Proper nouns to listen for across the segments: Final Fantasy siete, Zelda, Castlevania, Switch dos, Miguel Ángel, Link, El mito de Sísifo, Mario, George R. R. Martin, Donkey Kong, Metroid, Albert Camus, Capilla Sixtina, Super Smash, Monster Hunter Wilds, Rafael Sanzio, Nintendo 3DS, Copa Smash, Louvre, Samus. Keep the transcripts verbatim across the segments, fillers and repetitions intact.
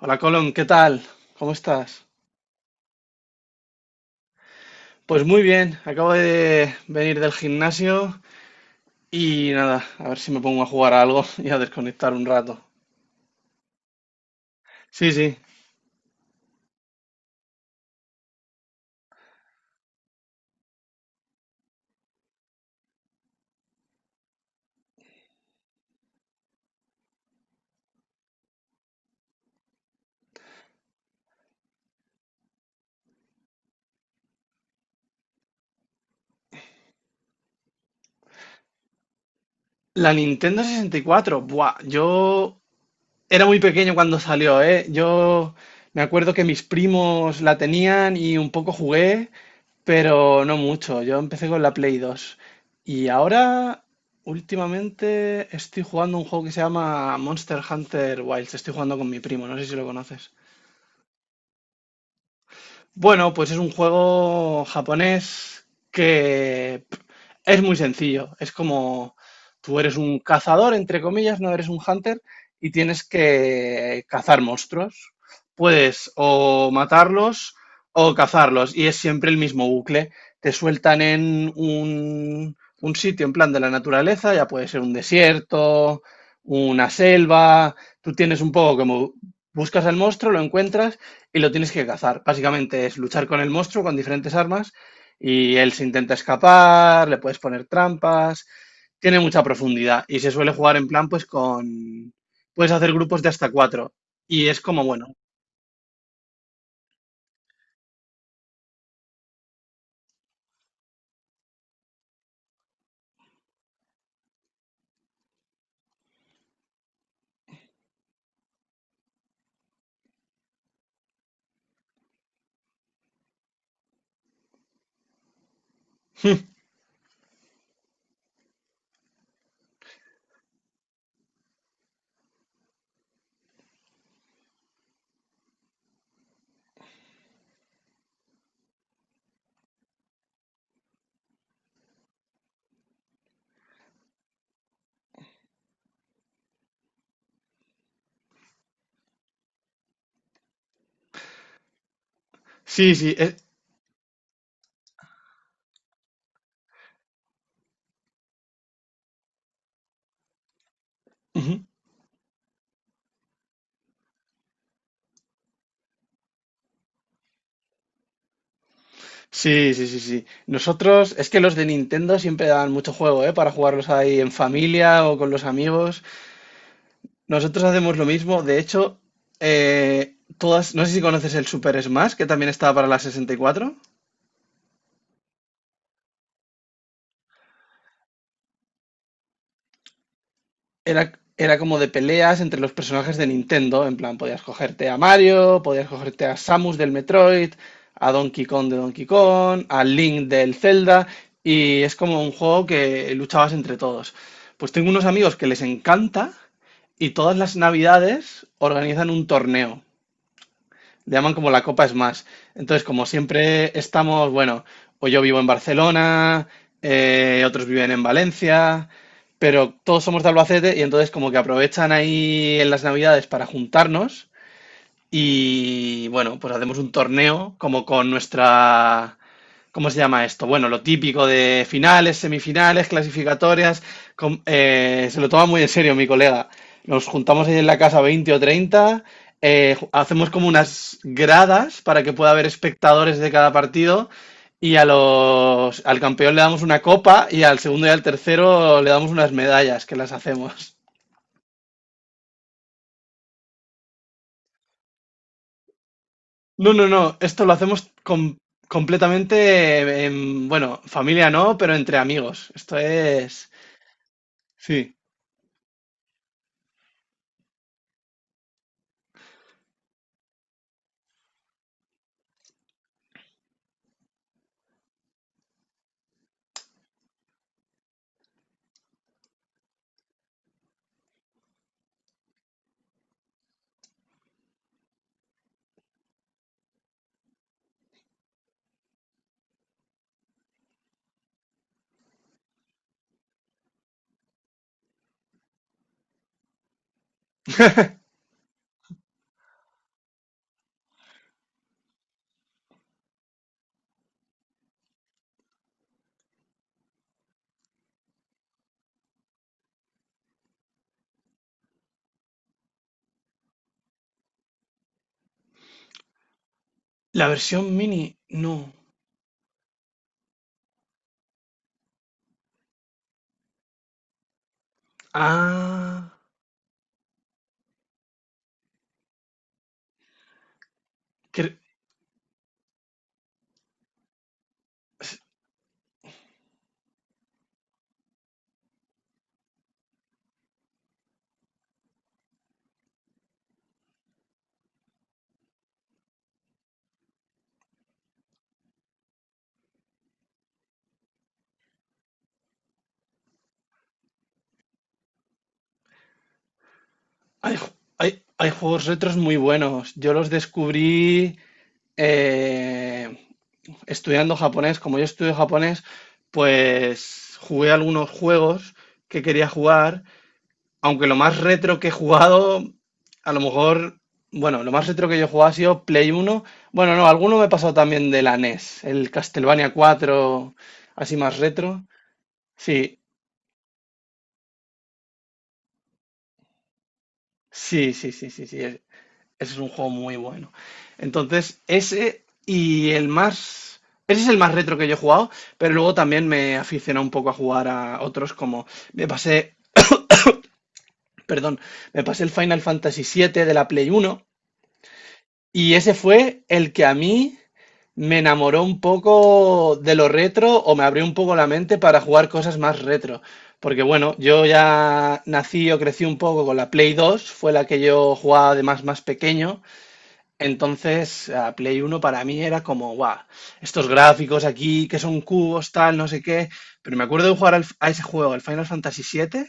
Hola Colón, ¿qué tal? ¿Cómo estás? Pues muy bien, acabo de venir del gimnasio y nada, a ver si me pongo a jugar a algo y a desconectar un rato. Sí, sí. La Nintendo sesenta y cuatro, buah, yo era muy pequeño cuando salió, ¿eh? Yo me acuerdo que mis primos la tenían y un poco jugué. pero no mucho. Yo empecé con la Play dos y ahora últimamente estoy jugando un juego que se llama Monster Hunter Wilds. Estoy jugando con mi primo, no sé si lo conoces. Bueno, pues es un juego japonés que pff, es muy sencillo. Es como tú eres un cazador, entre comillas, no eres un hunter y tienes que cazar monstruos. Puedes o matarlos o cazarlos y es siempre el mismo bucle. Te sueltan en un, un sitio en plan de la naturaleza, ya puede ser un desierto, una selva. Tú tienes un poco como buscas al monstruo, lo encuentras y lo tienes que cazar. Básicamente es luchar con el monstruo con diferentes armas y él se intenta escapar, le puedes poner trampas, tiene mucha profundidad y se suele jugar en plan pues con... Puedes hacer grupos de hasta cuatro y es como bueno. Sí, sí, es- ujú. Sí, sí, sí, sí. Nosotros, es que los de Nintendo siempre dan mucho juego, ¿eh? Para jugarlos ahí en familia o con los amigos. Nosotros hacemos lo mismo. De hecho, eh, todas, no sé si conoces el Super Smash, que también estaba para la sesenta y cuatro. Era, era como de peleas entre los personajes de Nintendo. En plan, podías cogerte a Mario, podías cogerte a Samus del Metroid, a Donkey Kong de Donkey Kong, a Link del Zelda. Y es como un juego que luchabas entre todos. Pues tengo unos amigos que les encanta y todas las navidades organizan un torneo. Le llaman como la Copa Smash. Entonces, como siempre estamos, bueno, o yo vivo en Barcelona, eh, otros viven en Valencia, pero todos somos de Albacete y entonces como que aprovechan ahí en las Navidades para juntarnos y bueno, pues hacemos un torneo como con nuestra... ¿Cómo se llama esto? Bueno, lo típico de finales, semifinales, clasificatorias. com- eh, se lo toma muy en serio mi colega. Nos juntamos ahí en la casa veinte o treinta, eh, ju- hacemos como unas gradas para que pueda haber espectadores de cada partido y a los, al campeón le damos una copa y al segundo y al tercero le damos unas medallas que las hacemos. No, no, no, esto lo hacemos com- completamente, em, bueno, familia no, pero entre amigos. Esto es... Sí. La versión mini, no. Ah, cre- hay, ju- hay- hay juegos retros muy buenos. Yo los descubrí eh, estudiando japonés. Como yo estudio japonés, pues jugué algunos juegos que quería jugar. Aunque lo más retro que he jugado, a lo mejor, bueno, lo más retro que yo he jugado ha sido Play uno. Bueno, no, alguno me he pasado también de la NES, el Castlevania cuatro así más retro. Sí, Sí, sí, sí, sí, sí. es- Ese es un juego muy bueno. Entonces, ese y el más. Ese es el más retro que yo he jugado, pero luego también me aficioné un poco a jugar a otros como. Me pasé. Perdón, me pasé el Final Fantasy siete de la Play uno. Y ese fue el que a mí me enamoró un poco de lo retro o me abrió un poco la mente para jugar cosas más retro. Porque bueno, yo ya nací o crecí un poco con la Play dos, fue la que yo jugaba además más pequeño. Entonces, a Play Uno para mí era como, guau, estos gráficos aquí que son cubos, tal, no sé qué. Pero me acuerdo de jugar al- a ese juego, al Final Fantasy siete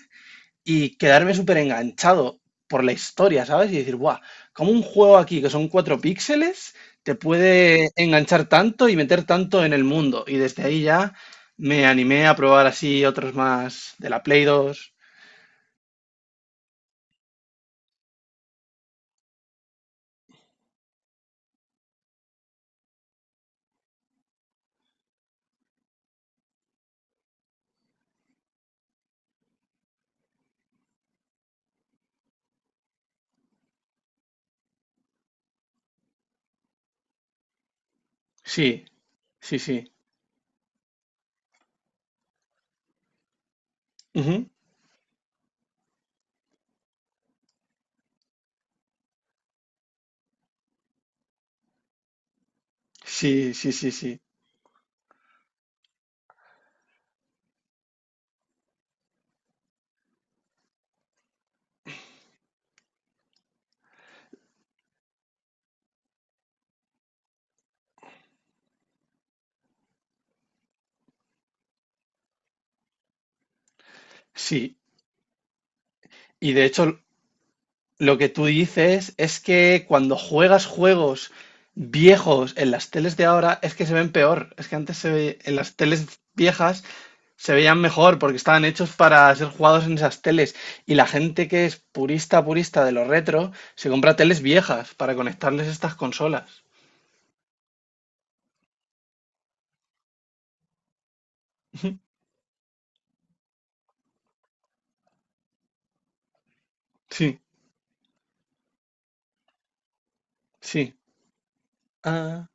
y quedarme súper enganchado por la historia, ¿sabes? Y decir, guau, como un juego aquí que son cuatro píxeles te puede enganchar tanto y meter tanto en el mundo? Y desde ahí ya me animé a probar así otros más de la Play dos. Sí, sí, sí. Ujú. Sí, sí, sí, sí. Sí. Y de hecho, Lo que tú dices es que cuando juegas juegos viejos en las teles de ahora es que se ven peor. Es que antes se ve- en las teles viejas se veían mejor porque estaban hechos para ser jugados en esas teles. Y la gente que es purista, purista de lo retro, se compra teles viejas para conectarles estas consolas. Sí, sí. Ah,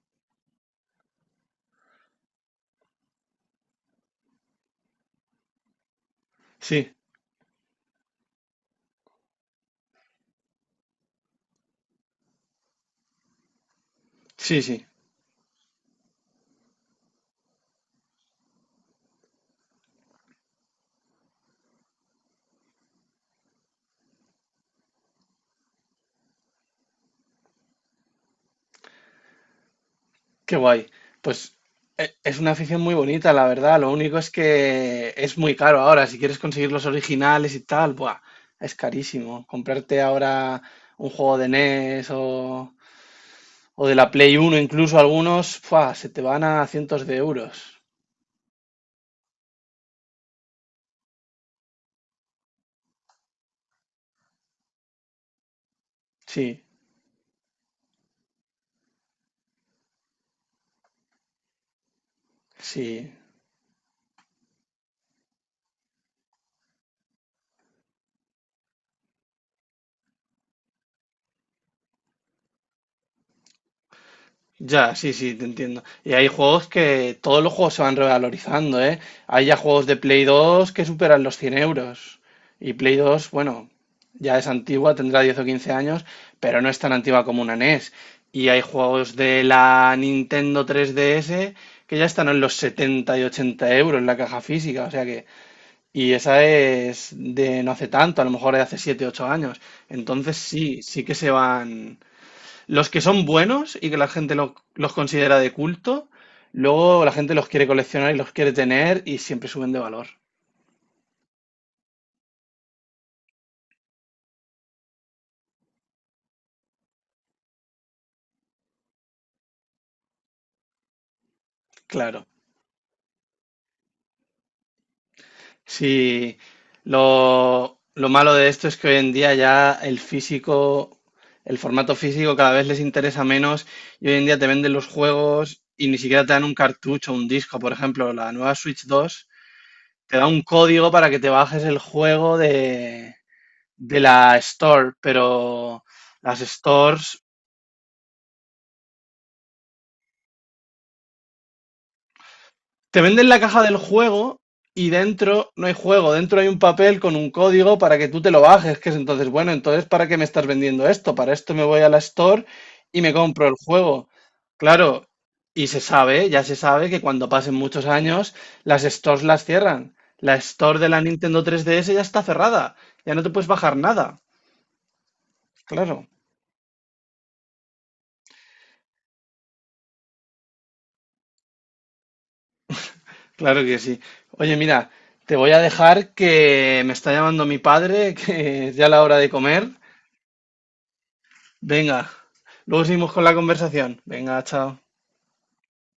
sí, sí, sí. Qué guay. Pues e- es una afición muy bonita, la verdad. Lo único es que es muy caro ahora. Si quieres conseguir los originales y tal, buah, es carísimo. Comprarte ahora un juego de NES o, o de la Play Uno, incluso algunos, ¡fua! Se te van a cientos de euros. Sí, sí. Ya, sí, sí, te entiendo. Y hay juegos que todos los juegos se van revalorizando, ¿eh? Hay ya juegos de Play dos que superan los cien euros. Y Play dos bueno, ya es antigua, tendrá diez o quince años, pero no es tan antigua como una NES. Y hay juegos de la Nintendo tres D S que ya están en los setenta y ochenta euros en la caja física, o sea que... Y esa es de no hace tanto, a lo mejor de hace siete ocho años. Entonces sí, sí que se van... Los que son buenos y que la gente lo- los considera de culto, luego la gente los quiere coleccionar y los quiere tener y siempre suben de valor. Claro. Sí, lo, lo malo de esto es que hoy en día ya el físico, el formato físico cada vez les interesa menos y hoy en día te venden los juegos y ni siquiera te dan un cartucho o un disco. Por ejemplo, la nueva Switch dos te da un código para que te bajes el juego de, de la Store, pero las stores. Te venden la caja del juego y dentro no hay juego, dentro hay un papel con un código para que tú te lo bajes, que es entonces, bueno, entonces, ¿para qué me estás vendiendo esto? Para esto me voy a la store y me compro el juego. Claro, y se sabe, ya se sabe que cuando pasen muchos años, las stores las cierran. La store de la Nintendo tres D S ya está cerrada, ya no te puedes bajar nada. Claro, claro que sí. Oye, mira, te voy a dejar que me está llamando mi padre, que es ya la hora de comer. Venga, luego seguimos con la conversación. Venga, chao.